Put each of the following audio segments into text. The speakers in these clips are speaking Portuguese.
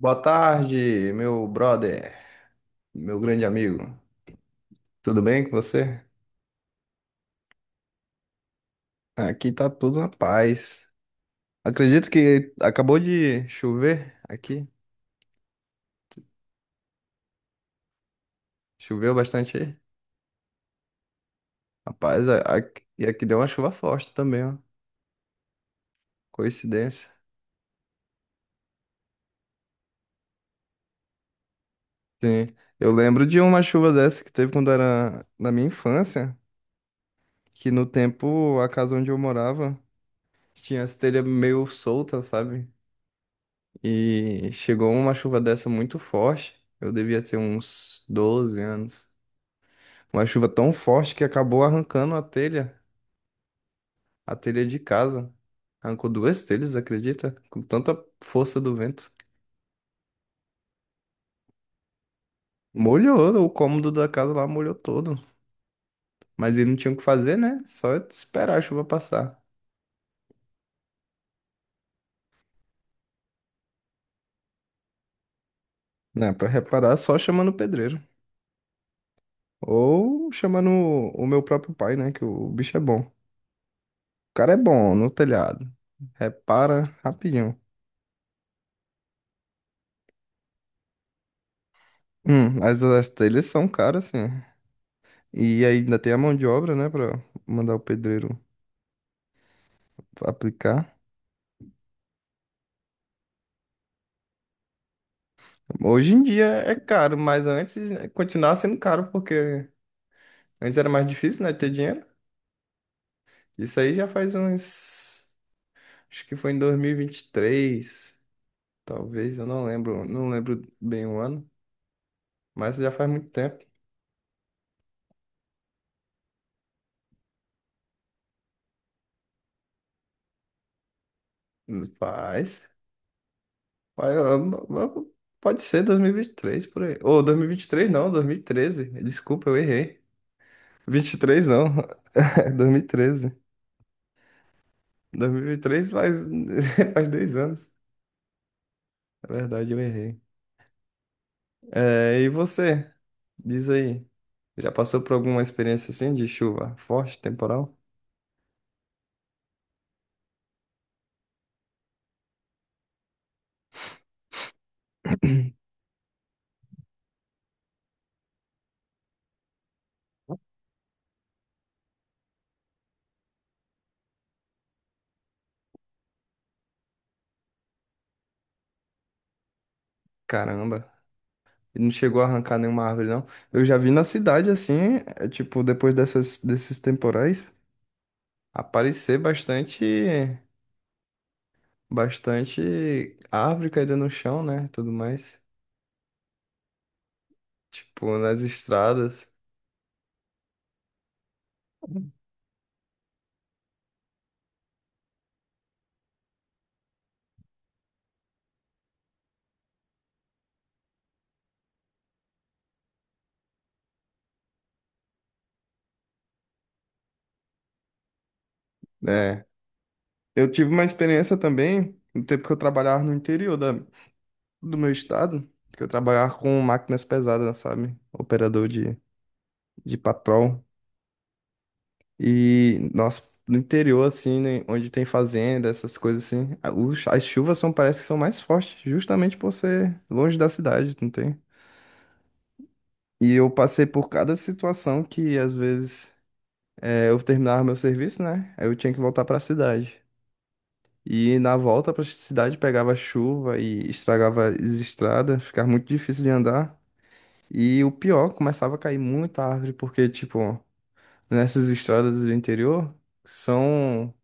Boa tarde, meu brother, meu grande amigo. Tudo bem com você? Aqui tá tudo na paz. Acredito que acabou de chover aqui. Choveu bastante aí. Rapaz, e aqui deu uma chuva forte também, ó. Coincidência. Sim. Eu lembro de uma chuva dessa que teve quando era na minha infância, que no tempo a casa onde eu morava tinha as telhas meio soltas, sabe? E chegou uma chuva dessa muito forte. Eu devia ter uns 12 anos. Uma chuva tão forte que acabou arrancando a telha de casa. Arrancou duas telhas, acredita? Com tanta força do vento. Molhou, o cômodo da casa lá molhou todo. Mas ele não tinha o que fazer, né? Só esperar a chuva passar. Né, pra reparar, só chamando o pedreiro. Ou chamando o meu próprio pai, né? Que o bicho é bom. O cara é bom no telhado. Repara rapidinho. As telhas são caras, sim. E ainda tem a mão de obra, né, pra mandar o pedreiro aplicar. Hoje em dia é caro, mas antes né, continuava sendo caro, porque antes era mais difícil, né, ter dinheiro. Isso aí já faz uns. Acho que foi em dois mil e vinte e três talvez, eu não lembro, não lembro bem o ano, mas já faz muito tempo. Faz. Faz- Pode ser dois mil e vinte e três por aí. Ou 2023 não, 2013. Desculpa, eu errei. Vinte e três, não. É 2013. 2003 faz, faz 2 anos. É verdade, eu errei. É, e você? Diz aí. Já passou por alguma experiência assim de chuva forte, temporal? Caramba. E não chegou a arrancar nenhuma árvore, não. Eu já vi na cidade assim, é, tipo, depois desses temporais, aparecer bastante, bastante árvore caída no chão, né? Tudo mais. Tipo, nas estradas. Né? Eu tive uma experiência também, no tempo que eu trabalhava no interior do meu estado, que eu trabalhava com máquinas pesadas, sabe? Operador de patrol. E, nossa, no interior, assim, né, onde tem fazenda, essas coisas assim, as chuvas são, parece que são mais fortes, justamente por ser longe da cidade, não tem? E eu passei por cada situação que, às vezes, é, eu terminava meu serviço, né? Aí eu tinha que voltar pra cidade. E na volta para a cidade pegava chuva e estragava as estradas, ficava muito difícil de andar. E o pior, começava a cair muita árvore, porque, tipo, nessas estradas do interior, são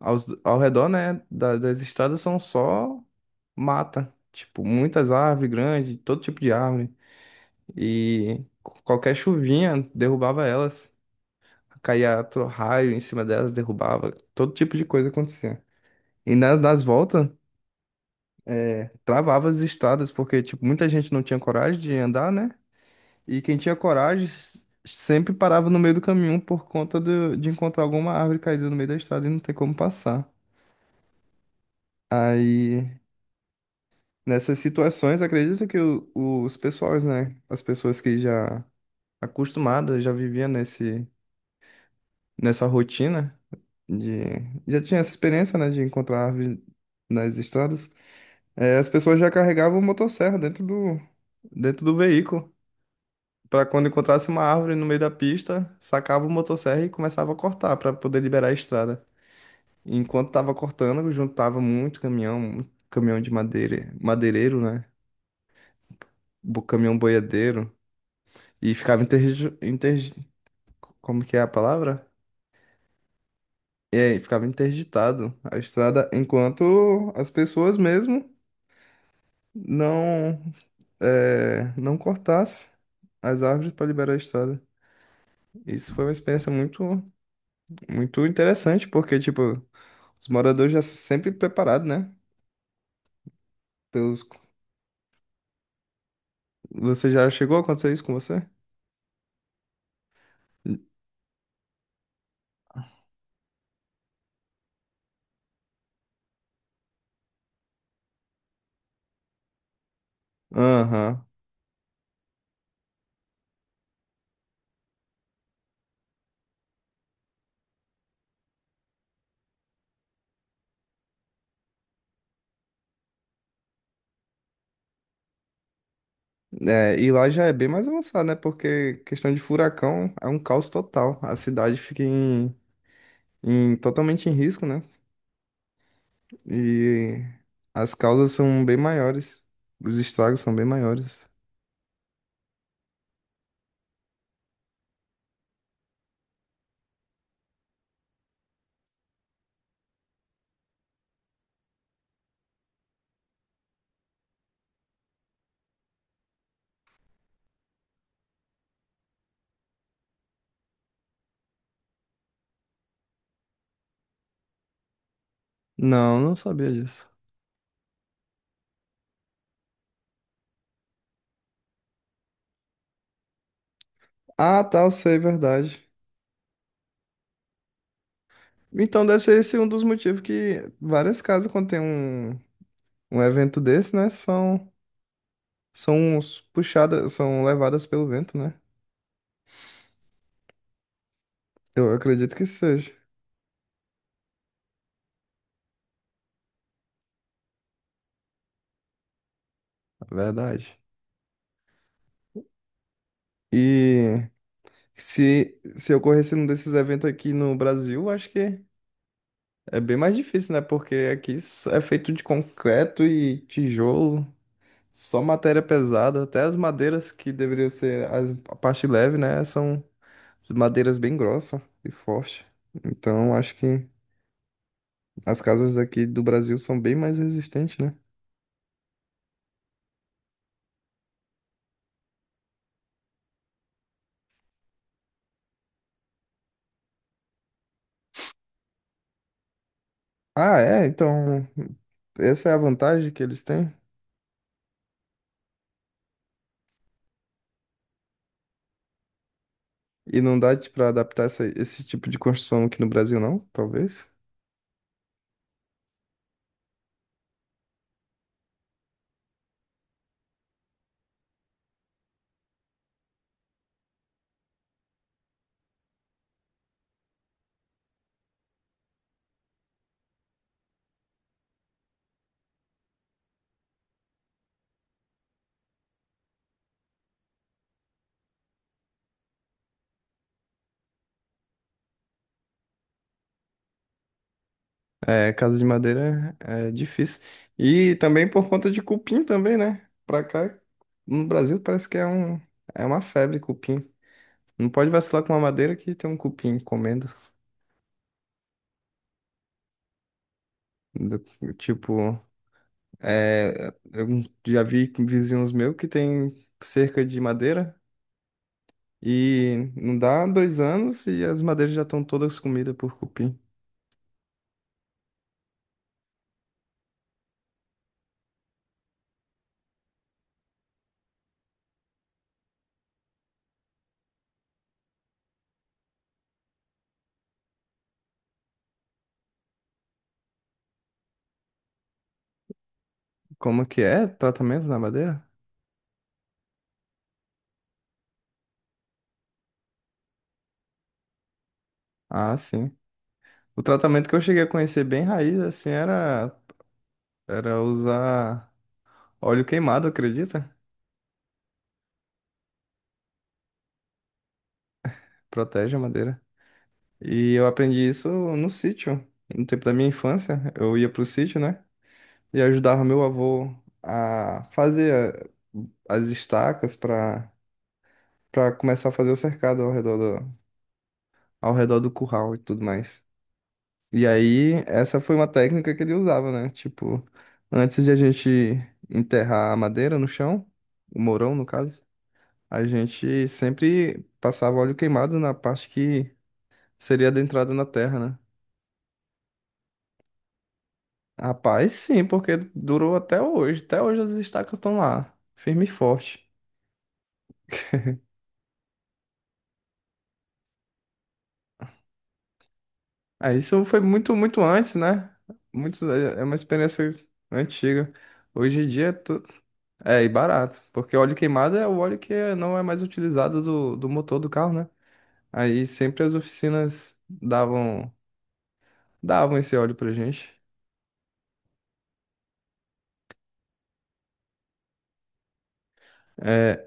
ao redor, né, das estradas são só mata. Tipo, muitas árvores grandes, todo tipo de árvore. E qualquer chuvinha derrubava elas. Caía raio em cima delas, derrubava. Todo tipo de coisa acontecia. E nas voltas. Travava as estradas, porque, tipo, muita gente não tinha coragem de andar, né? E quem tinha coragem sempre parava no meio do caminho por conta de encontrar alguma árvore caída no meio da estrada e não ter como passar. Aí, nessas situações, acredito que os pessoais, né? As pessoas que já acostumadas, já viviam nessa rotina, de, já tinha essa experiência, né, de encontrar árvore nas estradas, as pessoas já carregavam motosserra dentro do veículo. Pra quando encontrasse uma árvore no meio da pista, sacava o motosserra e começava a cortar pra poder liberar a estrada. E enquanto tava cortando, juntava muito caminhão de madeira, madeireiro, né? Caminhão boiadeiro. E ficava. Como que é a palavra? É, e ficava interditado a estrada enquanto as pessoas mesmo não, é, não cortassem as árvores para liberar a estrada. Isso foi uma experiência muito, muito interessante, porque, tipo. Os moradores já sempre preparados, né? Pelos. Você já chegou a acontecer isso com você? Aham. É, e lá já é bem mais avançado, né? Porque questão de furacão é um caos total. A cidade fica em, totalmente em risco, né? E as causas são bem maiores. Os estragos são bem maiores. Não, não sabia disso. Ah, tá, eu sei, verdade. Então deve ser esse um dos motivos que várias casas, quando tem um evento desse, né? São puxadas, são levadas pelo vento, né? Eu acredito que seja, na verdade. E se ocorresse um desses eventos aqui no Brasil, acho que é bem mais difícil, né? Porque aqui é feito de concreto e tijolo, só matéria pesada. Até as madeiras que deveriam ser a parte leve, né? São madeiras bem grossas e fortes. Então acho que as casas aqui do Brasil são bem mais resistentes, né? Ah, é, então. Essa é a vantagem que eles têm? E não dá para adaptar esse tipo de construção aqui no Brasil, não? Talvez. É, casa de madeira é difícil. E também por conta de cupim também, né? Pra cá, no Brasil, parece que é uma febre cupim. Não pode vacilar com uma madeira que tem um cupim comendo. Do- tipo, é, eu já vi vizinhos meus que tem cerca de madeira e não dá dois anos e as madeiras já estão todas comidas por cupim. Como que é? Tratamento na madeira? Ah, sim. O tratamento que eu cheguei a conhecer bem raiz, assim, era usar óleo queimado, acredita? Protege a madeira. E eu aprendi isso no sítio, no tempo da minha infância. Eu ia pro sítio, né? E ajudava meu avô a fazer as estacas para começar a fazer o cercado ao redor do curral e tudo mais. E aí, essa foi uma técnica que ele usava, né? Tipo, antes de a gente enterrar a madeira no chão, o mourão, no caso, a gente sempre passava óleo queimado na parte que seria adentrada na terra, né? Rapaz, sim, porque durou até hoje. Até hoje as estacas estão lá, firme e forte. Aí isso foi muito, muito antes, né? Muito, é uma experiência antiga. Hoje em dia, é, e barato, porque óleo queimado é o óleo que não é mais utilizado do motor do carro, né? Aí sempre as oficinas davam esse óleo pra gente. É,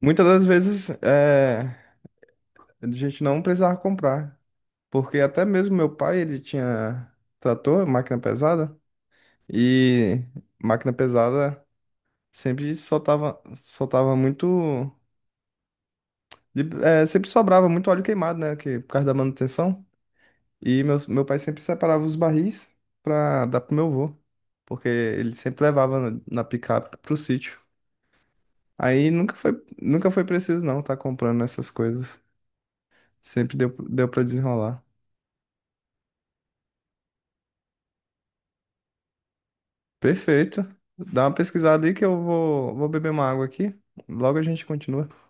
muitas das vezes é, a gente não precisava comprar, porque até mesmo meu pai, ele tinha trator, máquina pesada, e máquina pesada sempre soltava muito, é, sempre sobrava muito óleo queimado, né? Que, por causa da manutenção. E meu pai sempre separava os barris pra dar pro meu avô, porque ele sempre levava na picape pro sítio. Aí nunca foi preciso não tá comprando essas coisas. Sempre deu para desenrolar. Perfeito. Dá uma pesquisada aí que eu vou beber uma água aqui. Logo a gente continua.